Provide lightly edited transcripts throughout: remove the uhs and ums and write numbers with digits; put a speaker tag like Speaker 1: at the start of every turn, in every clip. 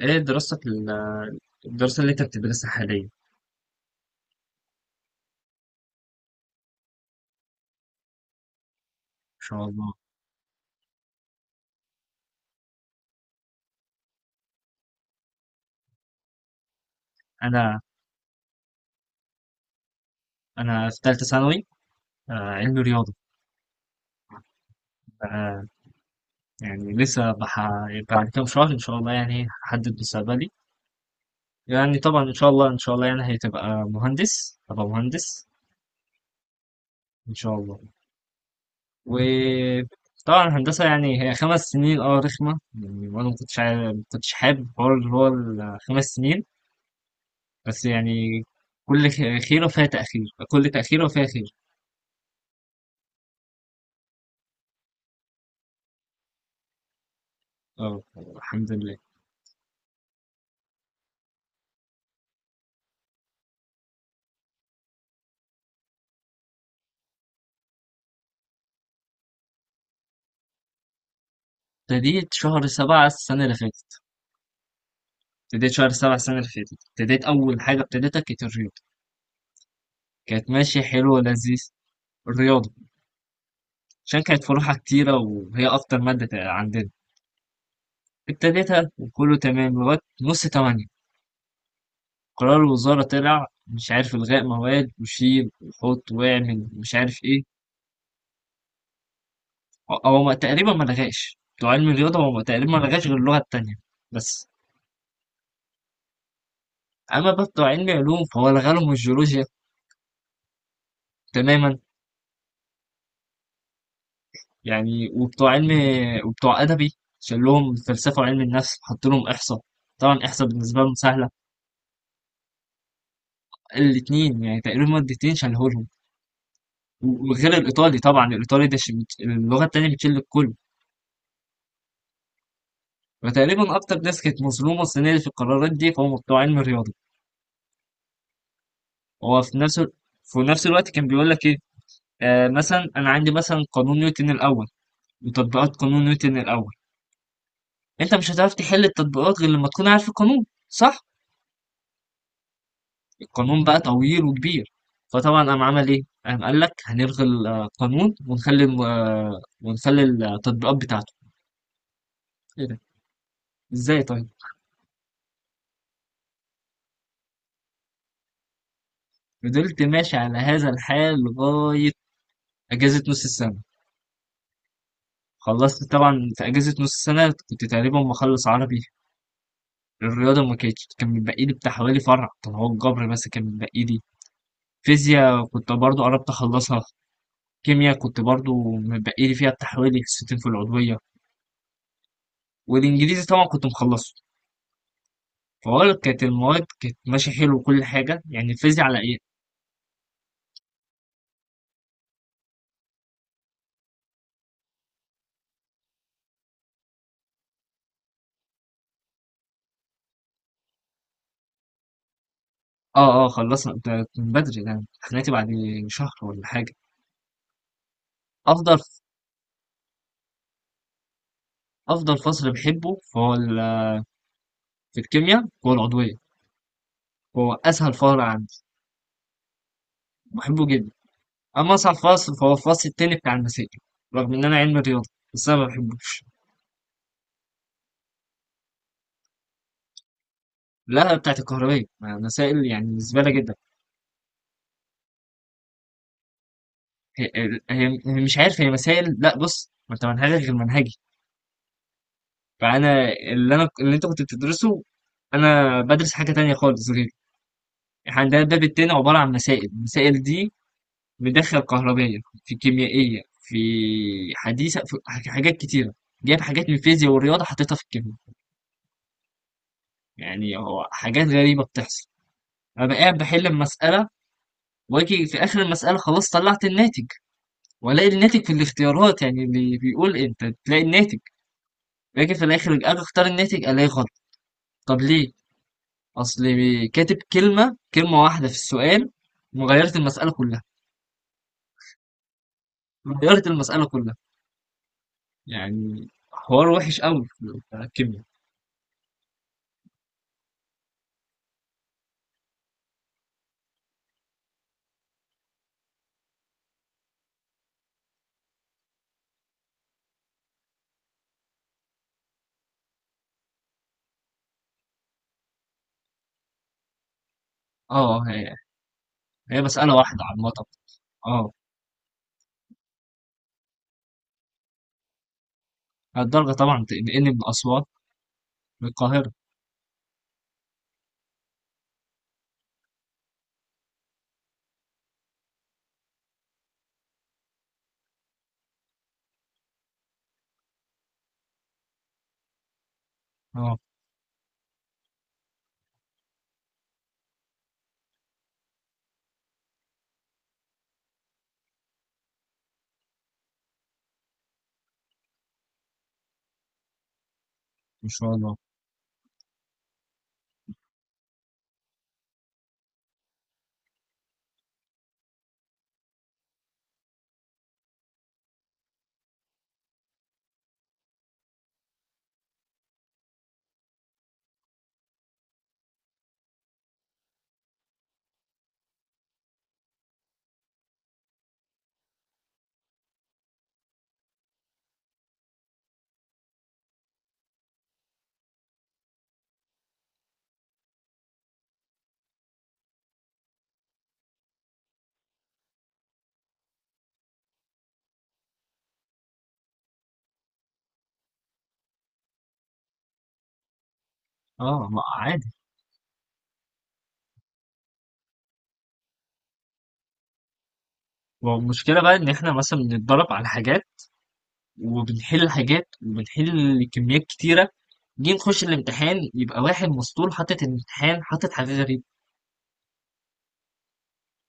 Speaker 1: ايه دراستك الدراسة اللي انت بتدرسها حاليا ان شاء الله. انا انا في ثالثة ثانوي، علمي رياضة. آه، يعني بعد كام شهر ان شاء الله يعني هحدد مستقبلي. يعني طبعا ان شاء الله ان شاء الله يعني هتبقى مهندس، هبقى مهندس ان شاء الله. وطبعا الهندسة يعني هي خمس سنين، اه رخمة يعني، وانا ما كنتش حابب حوار اللي هو الخمس سنين، بس يعني خيرة فيها تأخير، كل تأخيرة فيها خير. اه الحمد لله. ابتديت شهر 7 السنة اللي فاتت، ابتديت شهر 7 السنة اللي فاتت، ابتديت أول حاجة ابتديتها كانت الرياضة، كانت ماشية حلوة ولذيذ. الرياضة عشان كانت فروعها كتيرة وهي أكتر عندنا. ابتديتها وكله تمام لغاية نص تمانية، قرار الوزارة طلع مش عارف إلغاء مواد وشيل وحط واعمل مش عارف إيه. هو ما- تقريبا ما لغاش، بتوع علم الرياضة هو تقريبا ما لغاش غير اللغة التانية بس. أما بقى بتوع علم علوم فهو لغالهم الجيولوجيا تماما. يعني وبتوع علم، وبتوع أدبي شال لهم فلسفة وعلم النفس، حط لهم إحصاء. طبعا إحصاء بالنسبة لهم سهلة. الاتنين يعني تقريبا مادتين شالهولهم، وغير الإيطالي طبعا، الإيطالي اللغة التانية بتشيل الكل. فتقريبا أكتر ناس كانت مظلومة السنة دي في القرارات دي فهم بتوع علم الرياضة. هو في نفس ال- في نفس الوقت كان بيقول لك إيه، آه مثلا أنا عندي مثلا قانون نيوتن الأول وتطبيقات قانون نيوتن الأول، أنت مش هتعرف تحل التطبيقات غير لما تكون عارف القانون صح؟ قانون بقى طويل وكبير. فطبعا قام عمل ايه، قام قال لك هنلغي القانون ونخلي ونخلي التطبيقات بتاعته. ايه ده، ازاي طيب. فضلت ماشي على هذا الحال لغاية أجازة نص السنة. خلصت طبعا في أجازة نص السنة كنت تقريبا مخلص عربي، الرياضة ما كانتش، كان متبقي لي بتاع حوالي فرع طب هو الجبر بس كان متبقي لي. فيزياء كنت برضو قربت أخلصها، كيمياء كنت برضو متبقي لي فيها بتاع حوالي حصتين في العضوية، والإنجليزي طبعا كنت مخلصه. فهقول لك كانت المواد كانت ماشية حلو وكل حاجة. يعني الفيزياء على إيه؟ آه آه خلصنا ده من بدري، ده امتحاناتي بعد شهر ولا حاجة. أفضل أفضل فصل بحبه في الكيمياء هو العضوية، هو أسهل فصل عندي، بحبه جدا. أما أصعب فصل فهو الفصل التاني بتاع المسائل، رغم إن أنا علم رياضة بس أنا ما بحبوش. لا بتاعت الكهربية، ما مسائل يعني زبالة جدا. هي, هي مش عارف، هي مسائل، لا بص ما أنت منهجك غير منهجي. فانا اللي انا اللي انت كنت بتدرسه انا بدرس حاجه تانية خالص. غير احنا عندنا الباب التاني عباره عن مسائل، المسائل دي مدخل كهربائيه، في كيميائيه، في حديثه، في حاجات كتيره، جايب حاجات من الفيزياء والرياضه حطيتها في الكيمياء. يعني هو حاجات غريبه بتحصل. انا بقى قاعد بحل المساله، واجي في اخر المساله خلاص طلعت الناتج، والاقي الناتج في الاختيارات، يعني اللي بيقول انت تلاقي الناتج، باجي في الاخر اجي اختار الناتج الاقي غلط. طب ليه؟ أصلي كاتب كلمة، كلمة واحدة في السؤال وغيرت المسألة كلها، غيرت المسألة كلها. يعني حوار وحش قوي بتاع الكيمياء. اه هي مسألة واحدة عامة. اه الدرجة طبعا تنقلني من أسوان للقاهرة. اه ما شاء الله. اه ما عادي. والمشكلة بقى إن إحنا مثلا بنتدرب على حاجات، وبنحل حاجات، وبنحل كميات كتيرة، جينا نخش الامتحان يبقى واحد مسطول حاطط الامتحان، حاطط حاجة غريبة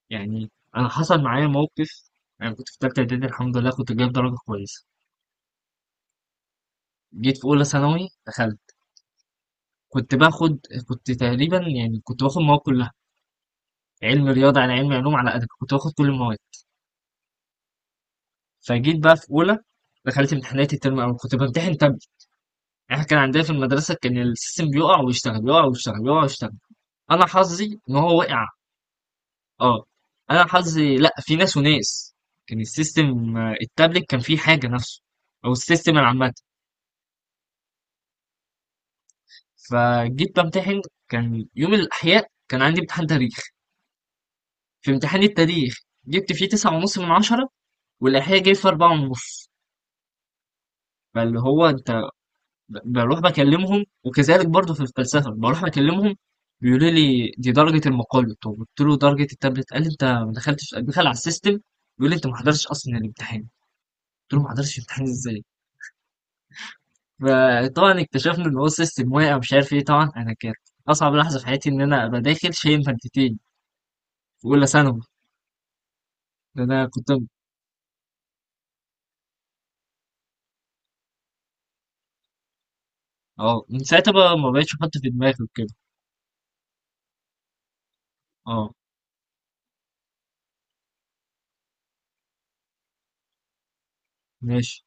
Speaker 1: يعني. انا حصل معايا موقف، انا كنت في تالتة اعدادي الحمد لله كنت جايب درجة كويسة. جيت في اولى ثانوي دخلت، كنت باخد كنت تقريبا يعني كنت باخد مواد كلها، علم رياضة على علم علوم على ادب، كنت باخد كل المواد. فجيت بقى في اولى دخلت امتحانات الترم الاول، كنت بمتحن تابلت. احنا كان عندنا في المدرسة كان السيستم بيقع ويشتغل، يقع ويشتغل، يقع ويشتغل. انا حظي ان هو وقع. اه انا حظي، لا في ناس وناس، كان السيستم التابلت كان فيه حاجة نفسه، او السيستم العامة. فجيت بمتحن، كان يوم الأحياء كان عندي امتحان تاريخ. في امتحان التاريخ جبت فيه تسعة ونص من عشرة، والأحياء جاي فيه أربعة ونص. فاللي هو أنت بروح بكلمهم، وكذلك برضه في الفلسفة بروح بكلمهم، بيقولوا لي دي درجة المقالة. طب قلت له درجة التابلت، قال لي أنت ما دخلتش دخل على السيستم، بيقول لي أنت ما حضرتش أصلا الامتحان. قلت له ما حضرتش الامتحان إزاي. فطبعا اكتشفنا إن هو السيستم واقع مش عارف إيه. طبعا أنا كانت أصعب لحظة في حياتي إن أنا أبقى داخل شايل مادتين في أولى ثانوي. ده انا كنت، اه من ساعتها بقى ما بقتش احط في دماغي كده. اه ماشي.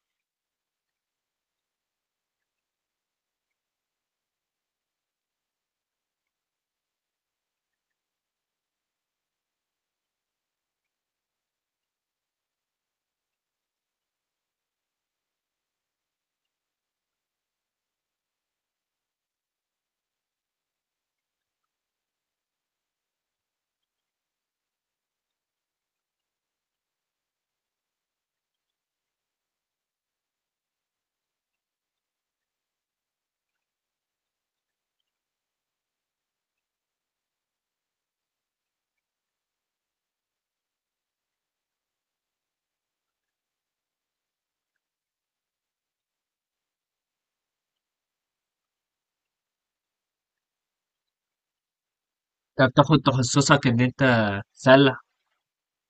Speaker 1: انت بتاخد تخصصك ان انت سلع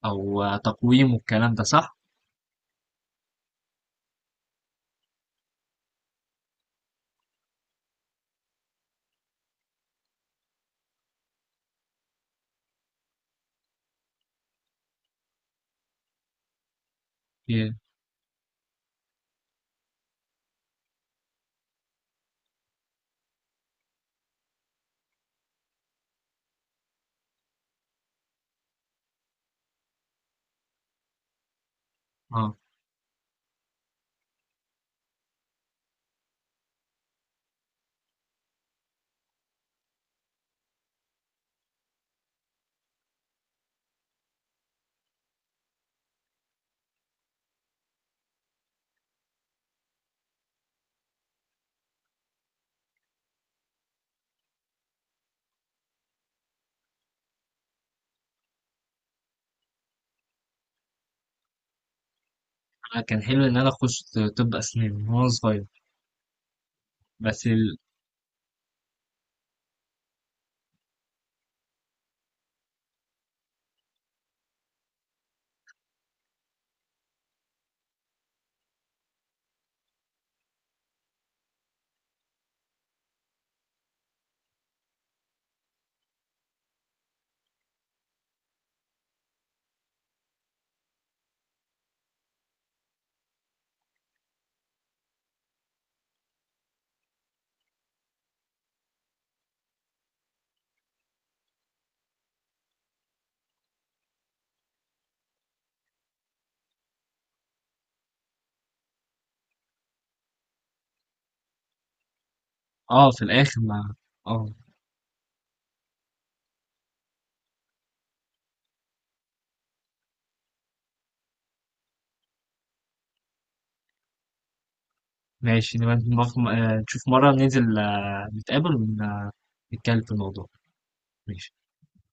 Speaker 1: او تقويم والكلام ده صح؟ اوكي. اه أنا كان حلو ان انا اخش طب اسنان من وانا صغير بس ال... اه في الاخر ما، اه ماشي. نشوف مرة ننزل نتقابل ونتكلم في الموضوع. ماشي.